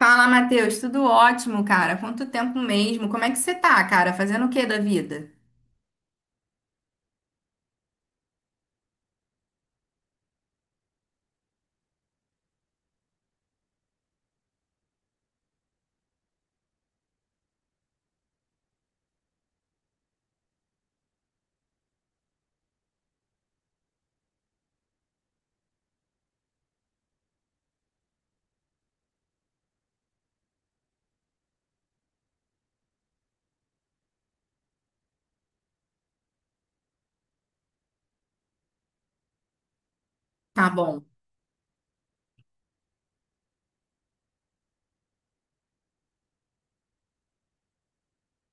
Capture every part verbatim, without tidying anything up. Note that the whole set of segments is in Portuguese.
Fala, Matheus, tudo ótimo, cara? Quanto tempo mesmo? Como é que você tá, cara? Fazendo o que da vida? Tá bom.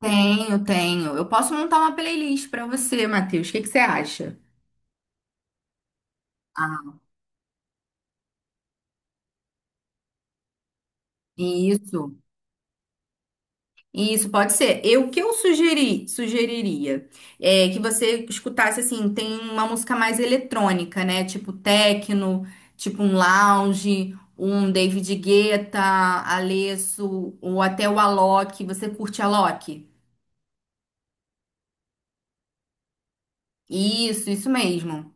Tenho, tenho. Eu posso montar uma playlist pra você, Matheus. O que que você acha? Ah, Isso, isso pode ser. Eu o que eu sugeri, sugeriria é que você escutasse assim, tem uma música mais eletrônica, né? Tipo techno, tipo um lounge, um David Guetta, Alesso, ou até o Alok. Você curte Alok? Isso, isso mesmo.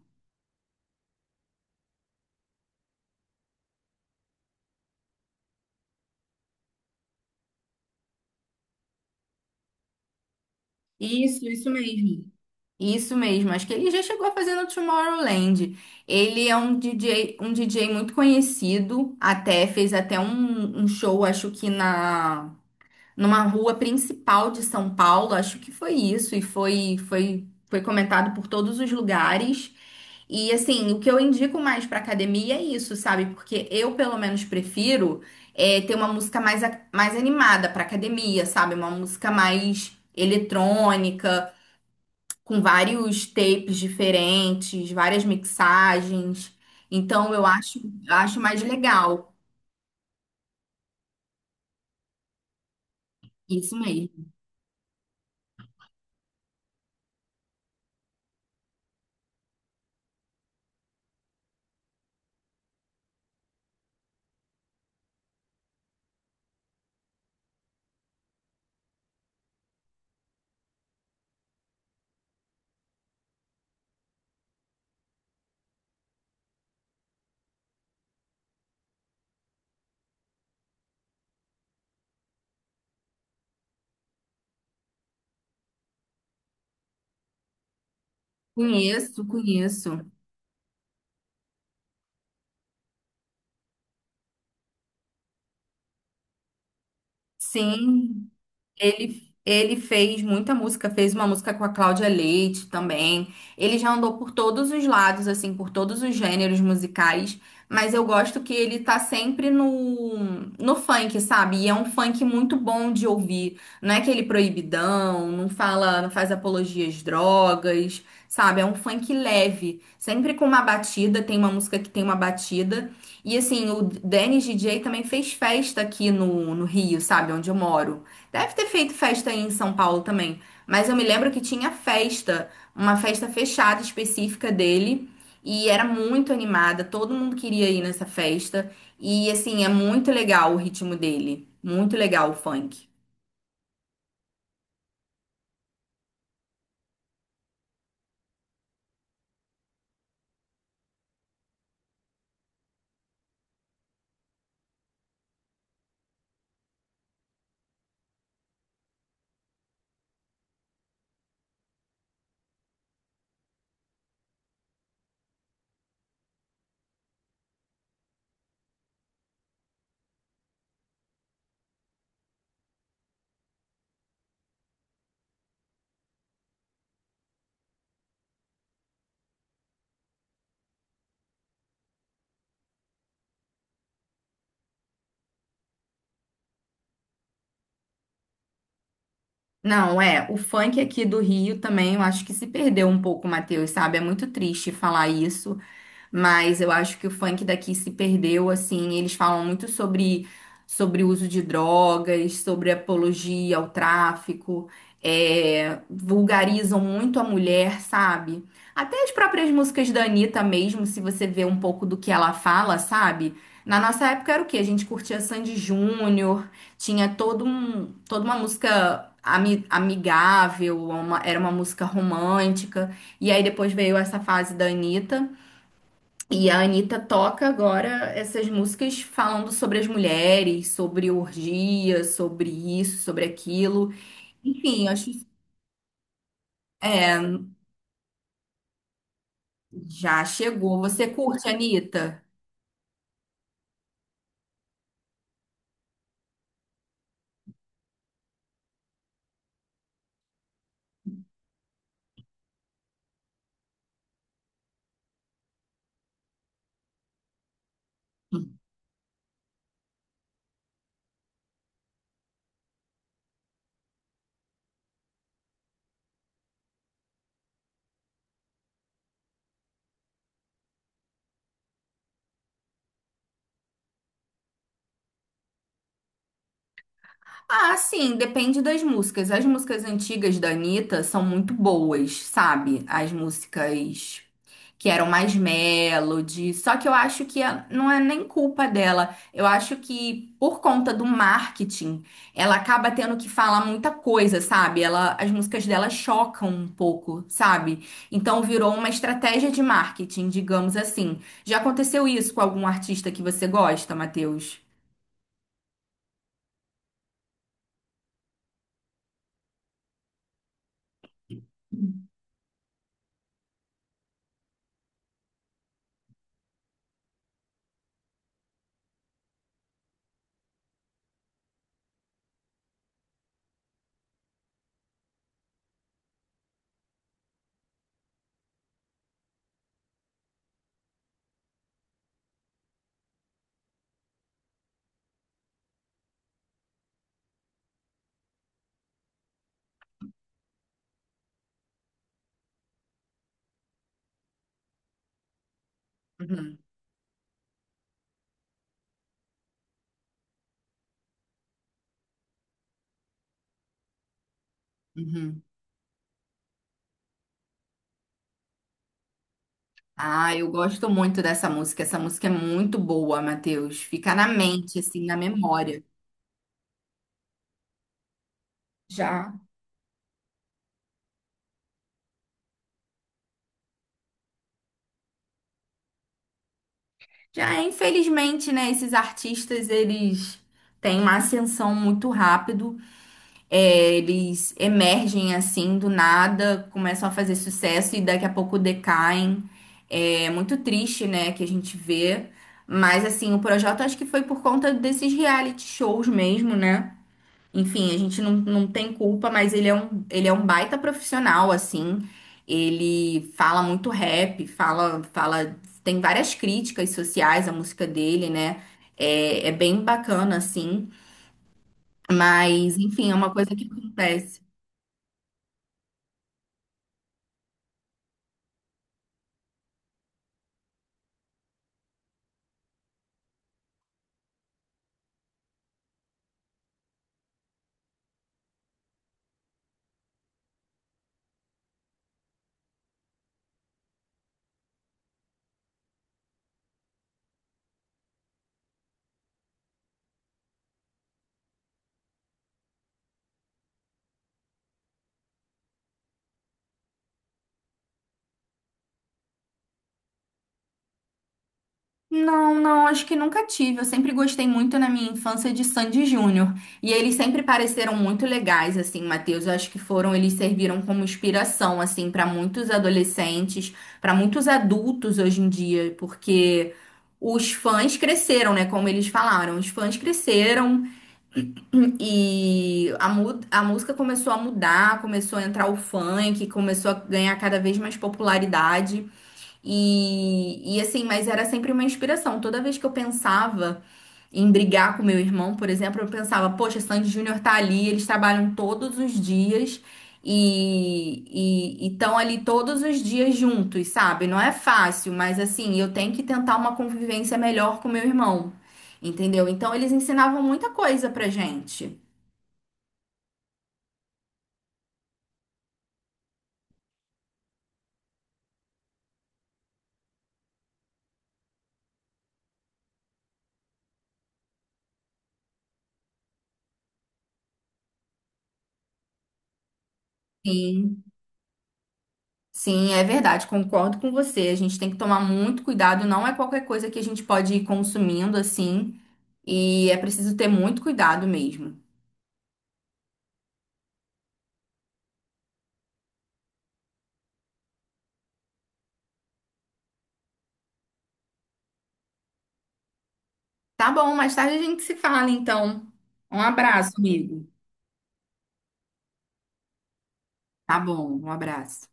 Isso, isso mesmo. Isso mesmo. Acho que ele já chegou a fazer no Tomorrowland. Ele é um D J, um D J muito conhecido, até fez até um, um show, acho que na numa rua principal de São Paulo, acho que foi isso e foi foi foi comentado por todos os lugares. E assim, o que eu indico mais pra academia é isso, sabe? Porque eu pelo menos prefiro é, ter uma música mais, a- mais animada pra academia, sabe? Uma música mais eletrônica com vários tapes diferentes, várias mixagens. Então eu acho, Acho mais legal. Isso mesmo. Conheço, conheço. Sim, Ele, ele fez muita música, fez uma música com a Cláudia Leite também. Ele já andou por todos os lados, assim, por todos os gêneros musicais, mas eu gosto que ele tá sempre no, no funk, sabe? E é um funk muito bom de ouvir. Não é aquele proibidão, não fala, não faz apologia às drogas, sabe? É um funk leve, sempre com uma batida, tem uma música que tem uma batida. E assim, o Dennis D J também fez festa aqui no, no Rio, sabe? Onde eu moro. Deve ter feito festa aí em São Paulo também, mas eu me lembro que tinha festa, uma festa fechada específica dele, e era muito animada, todo mundo queria ir nessa festa, e assim, é muito legal o ritmo dele, muito legal o funk. Não, é, o funk aqui do Rio também, eu acho que se perdeu um pouco, Matheus, sabe? É muito triste falar isso, mas eu acho que o funk daqui se perdeu, assim, eles falam muito sobre sobre o uso de drogas, sobre apologia ao tráfico, é, vulgarizam muito a mulher, sabe? Até as próprias músicas da Anitta mesmo, se você vê um pouco do que ela fala, sabe? Na nossa época era o quê? A gente curtia Sandy Júnior, tinha todo um, toda uma música ami- amigável, uma- era uma música romântica. E aí depois veio essa fase da Anitta. E a Anitta toca agora essas músicas falando sobre as mulheres, sobre orgia, sobre isso, sobre aquilo. Enfim, acho que já chegou. Você curte, Anitta? Ah, sim, depende das músicas. As músicas antigas da Anitta são muito boas, sabe? As músicas que eram mais melody. Só que eu acho que a- não é nem culpa dela. Eu acho que por conta do marketing, ela acaba tendo que falar muita coisa, sabe? Ela, as músicas dela chocam um pouco, sabe? Então virou uma estratégia de marketing, digamos assim. Já aconteceu isso com algum artista que você gosta, Matheus? Uhum, uhum. Ah, eu gosto muito dessa música. Essa música é muito boa, Matheus. Fica na mente, assim, na memória. Já, já, infelizmente, né, esses artistas, eles têm uma ascensão muito rápido. É, eles emergem, assim, do nada, começam a fazer sucesso e daqui a pouco decaem. É muito triste, né, que a gente vê. Mas, assim, o projeto acho que foi por conta desses reality shows mesmo, né? Enfim, a gente não, não tem culpa, mas ele é um, ele é um baita profissional, assim. Ele fala muito rap, fala, fala, tem várias críticas sociais à música dele, né? É, é bem bacana, assim. Mas, enfim, é uma coisa que acontece. Não, não, acho que nunca tive. Eu sempre gostei muito na minha infância de Sandy Júnior. E eles sempre pareceram muito legais, assim, Matheus. Eu acho que foram, eles serviram como inspiração, assim, para muitos adolescentes, para muitos adultos hoje em dia, porque os fãs cresceram, né? Como eles falaram, os fãs cresceram e a, mu- a música começou a mudar, começou a entrar o funk, começou a ganhar cada vez mais popularidade. E, e assim, mas era sempre uma inspiração. Toda vez que eu pensava em brigar com meu irmão, por exemplo, eu pensava, poxa, Sandy Júnior tá ali, eles trabalham todos os dias e estão ali todos os dias juntos, sabe? Não é fácil, mas assim, eu tenho que tentar uma convivência melhor com meu irmão, entendeu? Então eles ensinavam muita coisa pra gente. Sim. Sim, é verdade, concordo com você. A gente tem que tomar muito cuidado, não é qualquer coisa que a gente pode ir consumindo assim, e é preciso ter muito cuidado mesmo. Tá bom, mais tarde a gente se fala então. Um abraço, amigo. Tá bom, um abraço.